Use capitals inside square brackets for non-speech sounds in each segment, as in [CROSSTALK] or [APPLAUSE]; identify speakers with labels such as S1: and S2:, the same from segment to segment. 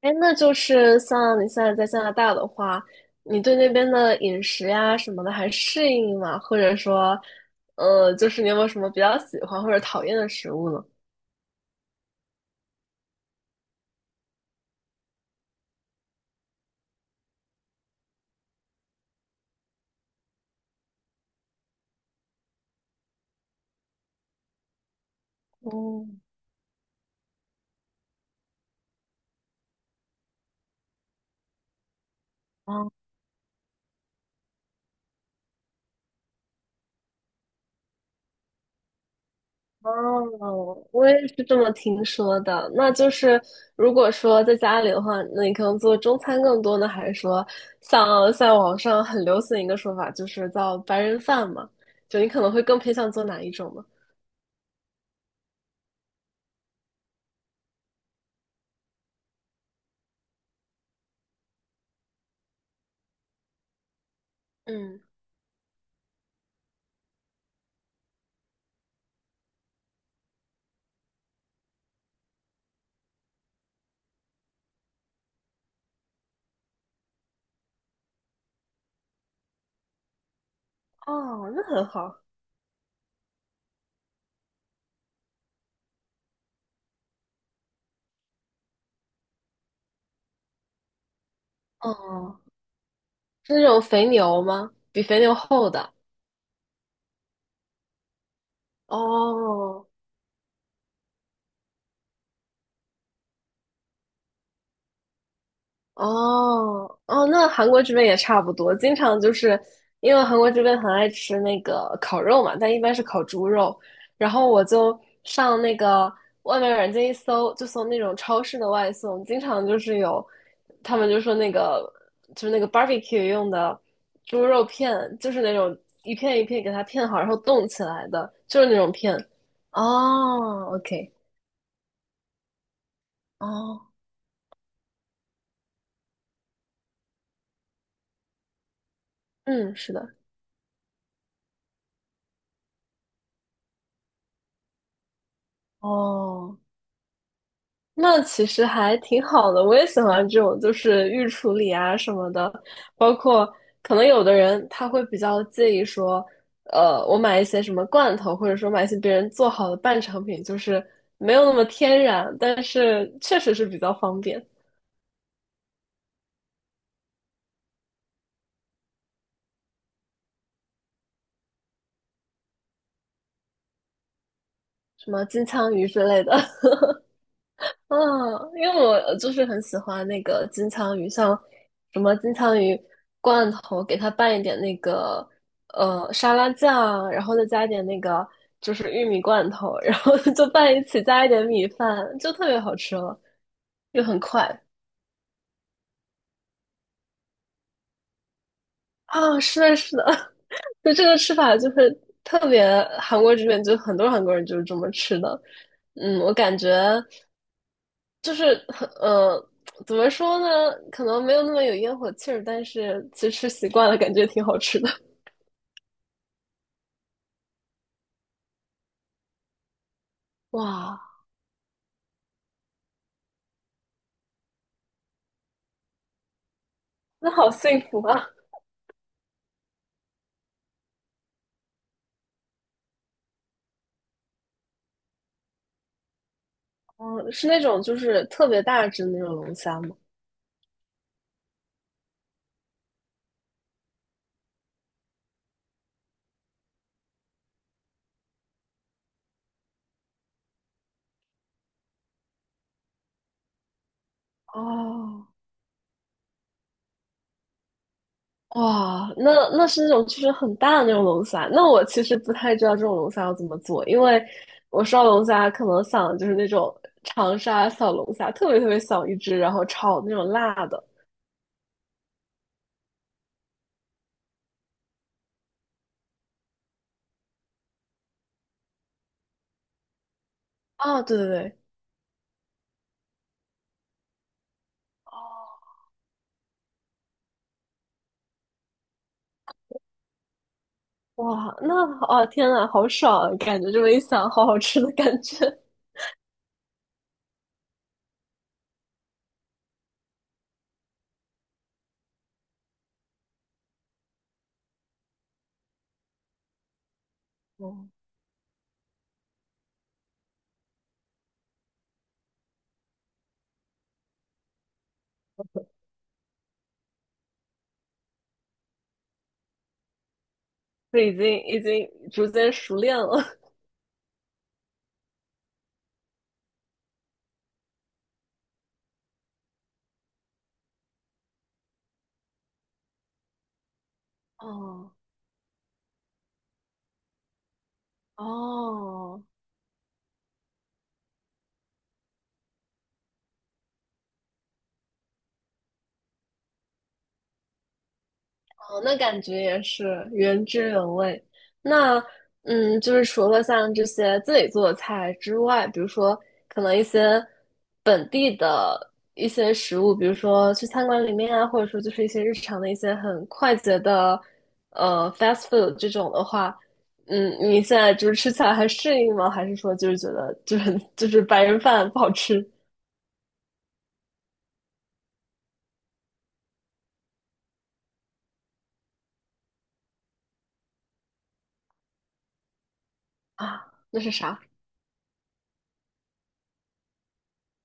S1: 哎，那就是像你现在在加拿大的话，你对那边的饮食呀什么的还适应吗？或者说，就是你有没有什么比较喜欢或者讨厌的食物呢？嗯。哦。哦，我也是这么听说的。那就是如果说在家里的话，那你可能做中餐更多呢，还是说像在网上很流行一个说法，就是叫白人饭嘛？就你可能会更偏向做哪一种呢？嗯。哦，那很好。哦。是那种肥牛吗？比肥牛厚的。哦哦哦，那韩国这边也差不多，经常就是因为韩国这边很爱吃那个烤肉嘛，但一般是烤猪肉。然后我就上那个外卖软件一搜，就搜那种超市的外送，经常就是有，他们就说那个就是那个 barbecue 用的猪肉片，就是那种一片一片给它片好，然后冻起来的，就是那种片。哦，OK。哦，嗯，是的。哦，那其实还挺好的，我也喜欢这种，就是预处理啊什么的，包括可能有的人他会比较介意说，我买一些什么罐头，或者说买一些别人做好的半成品，就是没有那么天然，但是确实是比较方便。什么金枪鱼之类的。[LAUGHS] 啊，因为我就是很喜欢那个金枪鱼，像什么金枪鱼罐头，给它拌一点那个沙拉酱，然后再加一点那个就是玉米罐头，然后 [LAUGHS] 就拌一起，加一点米饭，就特别好吃了，又很快。啊！是的，是的。[LAUGHS] 就这个吃法就是特别韩国这边，就很多韩国人就是这么吃的，嗯，我感觉。就是呃，怎么说呢？可能没有那么有烟火气儿，但是其实吃习惯了，感觉挺好吃的。哇，那好幸福啊！嗯，是那种就是特别大只的那种龙虾吗？哦，哇，那那是那种就是很大的那种龙虾。那我其实不太知道这种龙虾要怎么做，因为我烧龙虾可能想的就是那种长沙小龙虾，特别特别小一只，然后炒那种辣的。哦，对对对。哦。哇，那哦天呐，好爽啊！感觉这么一想，好好吃的感觉。嗯，就已经逐渐熟练了。[LAUGHS] 哦哦。哦，那感觉也是原汁原味。那嗯，就是除了像这些自己做的菜之外，比如说可能一些本地的一些食物，比如说去餐馆里面啊，或者说就是一些日常的一些很快捷的fast food 这种的话，嗯，你现在就是吃起来还适应吗？还是说就是觉得就是白人饭不好吃。 [LAUGHS] 啊？那是啥？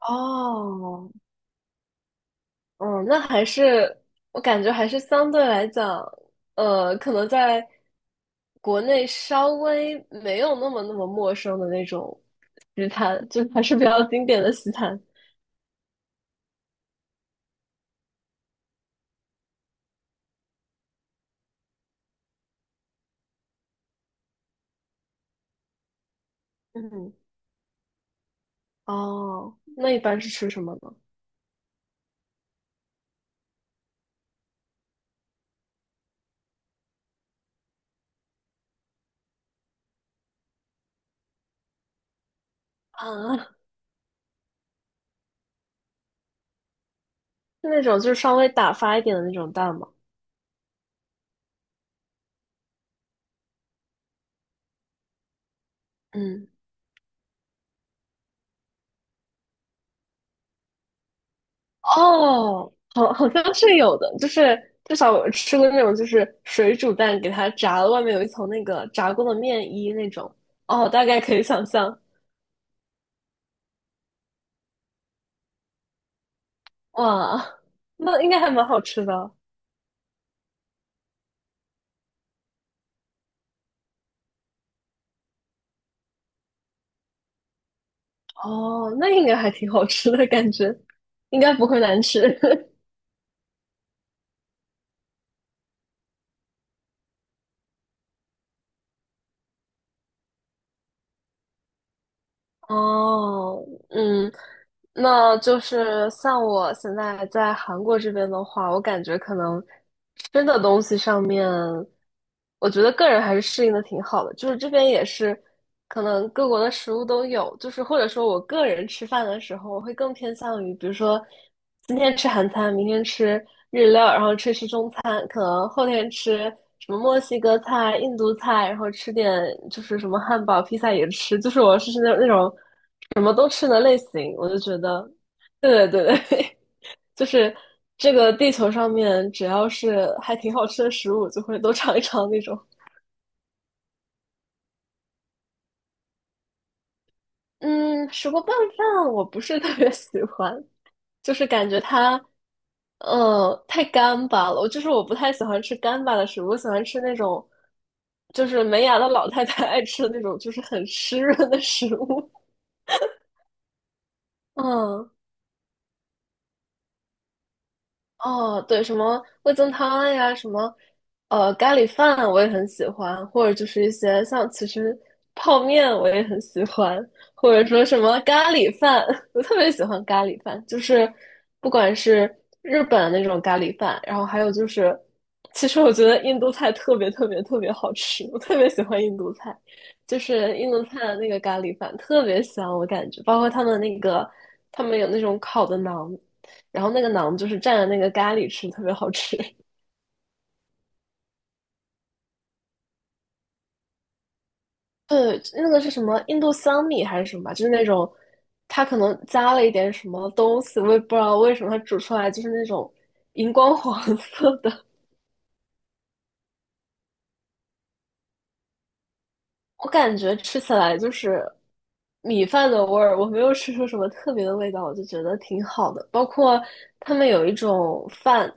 S1: 哦，嗯，那还是我感觉还是相对来讲，可能在国内稍微没有那么那么陌生的那种西餐，就还是比较经典的西餐。嗯。哦，那一般是吃什么呢？啊，[LAUGHS] 是那种就是稍微打发一点的那种蛋吗？嗯。哦，好，好像是有的，就是至少我吃过那种就是水煮蛋，给它炸了，外面有一层那个炸过的面衣那种。哦，大概可以想象。哇，那应该还蛮好吃的。哦，那应该还挺好吃的感觉，应该不会难吃。[LAUGHS] 哦。嗯。那就是像我现在在韩国这边的话，我感觉可能吃的东西上面，我觉得个人还是适应的挺好的。就是这边也是，可能各国的食物都有。就是或者说我个人吃饭的时候，我会更偏向于，比如说今天吃韩餐，明天吃日料，然后吃吃中餐，可能后天吃什么墨西哥菜、印度菜，然后吃点就是什么汉堡、披萨也吃。就是我是那那种。什么都吃的类型。我就觉得，对对对对。 [LAUGHS] 就是这个地球上面只要是还挺好吃的食物，就会都尝一尝那种。嗯，石锅拌饭我不是 [LAUGHS] 特别喜欢，就是感觉它，嗯，太干巴了。我就是我不太喜欢吃干巴的食物，我喜欢吃那种，就是没牙的老太太 [LAUGHS] 爱吃的那种，就是很湿润的食物。嗯。哦，对，什么味增汤呀，什么咖喱饭，我也很喜欢，或者就是一些像其实泡面我也很喜欢，或者说什么咖喱饭，[LAUGHS] 我特别喜欢咖喱饭，就是不管是日本的那种咖喱饭，然后还有就是，其实我觉得印度菜特别特别特别好吃，我特别喜欢印度菜，就是印度菜的那个咖喱饭特别香，我感觉，包括他们那个他们有那种烤的馕。然后那个馕就是蘸着那个咖喱吃，特别好吃。[LAUGHS] 对，那个是什么印度香米还是什么？就是那种，它可能加了一点什么东西，我也不知道为什么它煮出来就是那种荧光黄色的。我感觉吃起来就是米饭的味儿，我没有吃出什么特别的味道，我就觉得挺好的。包括他们有一种饭，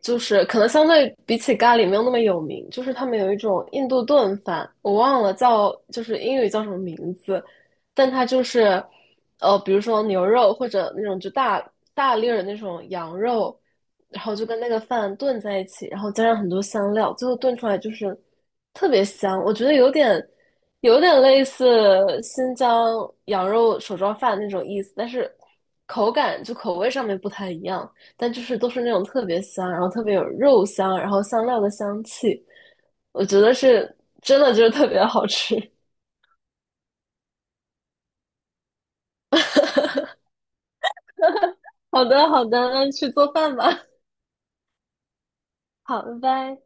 S1: 就是可能相对比起咖喱没有那么有名，就是他们有一种印度炖饭，我忘了叫，就是英语叫什么名字，但它就是比如说牛肉或者那种就大粒儿的那种羊肉，然后就跟那个饭炖在一起，然后加上很多香料，最后炖出来就是特别香，我觉得有点。有点类似新疆羊肉手抓饭那种意思，但是口感就口味上面不太一样，但就是都是那种特别香，然后特别有肉香，然后香料的香气，我觉得是真的就是特别好吃。[LAUGHS] 好的，好的，那去做饭吧。[LAUGHS] 好，拜拜。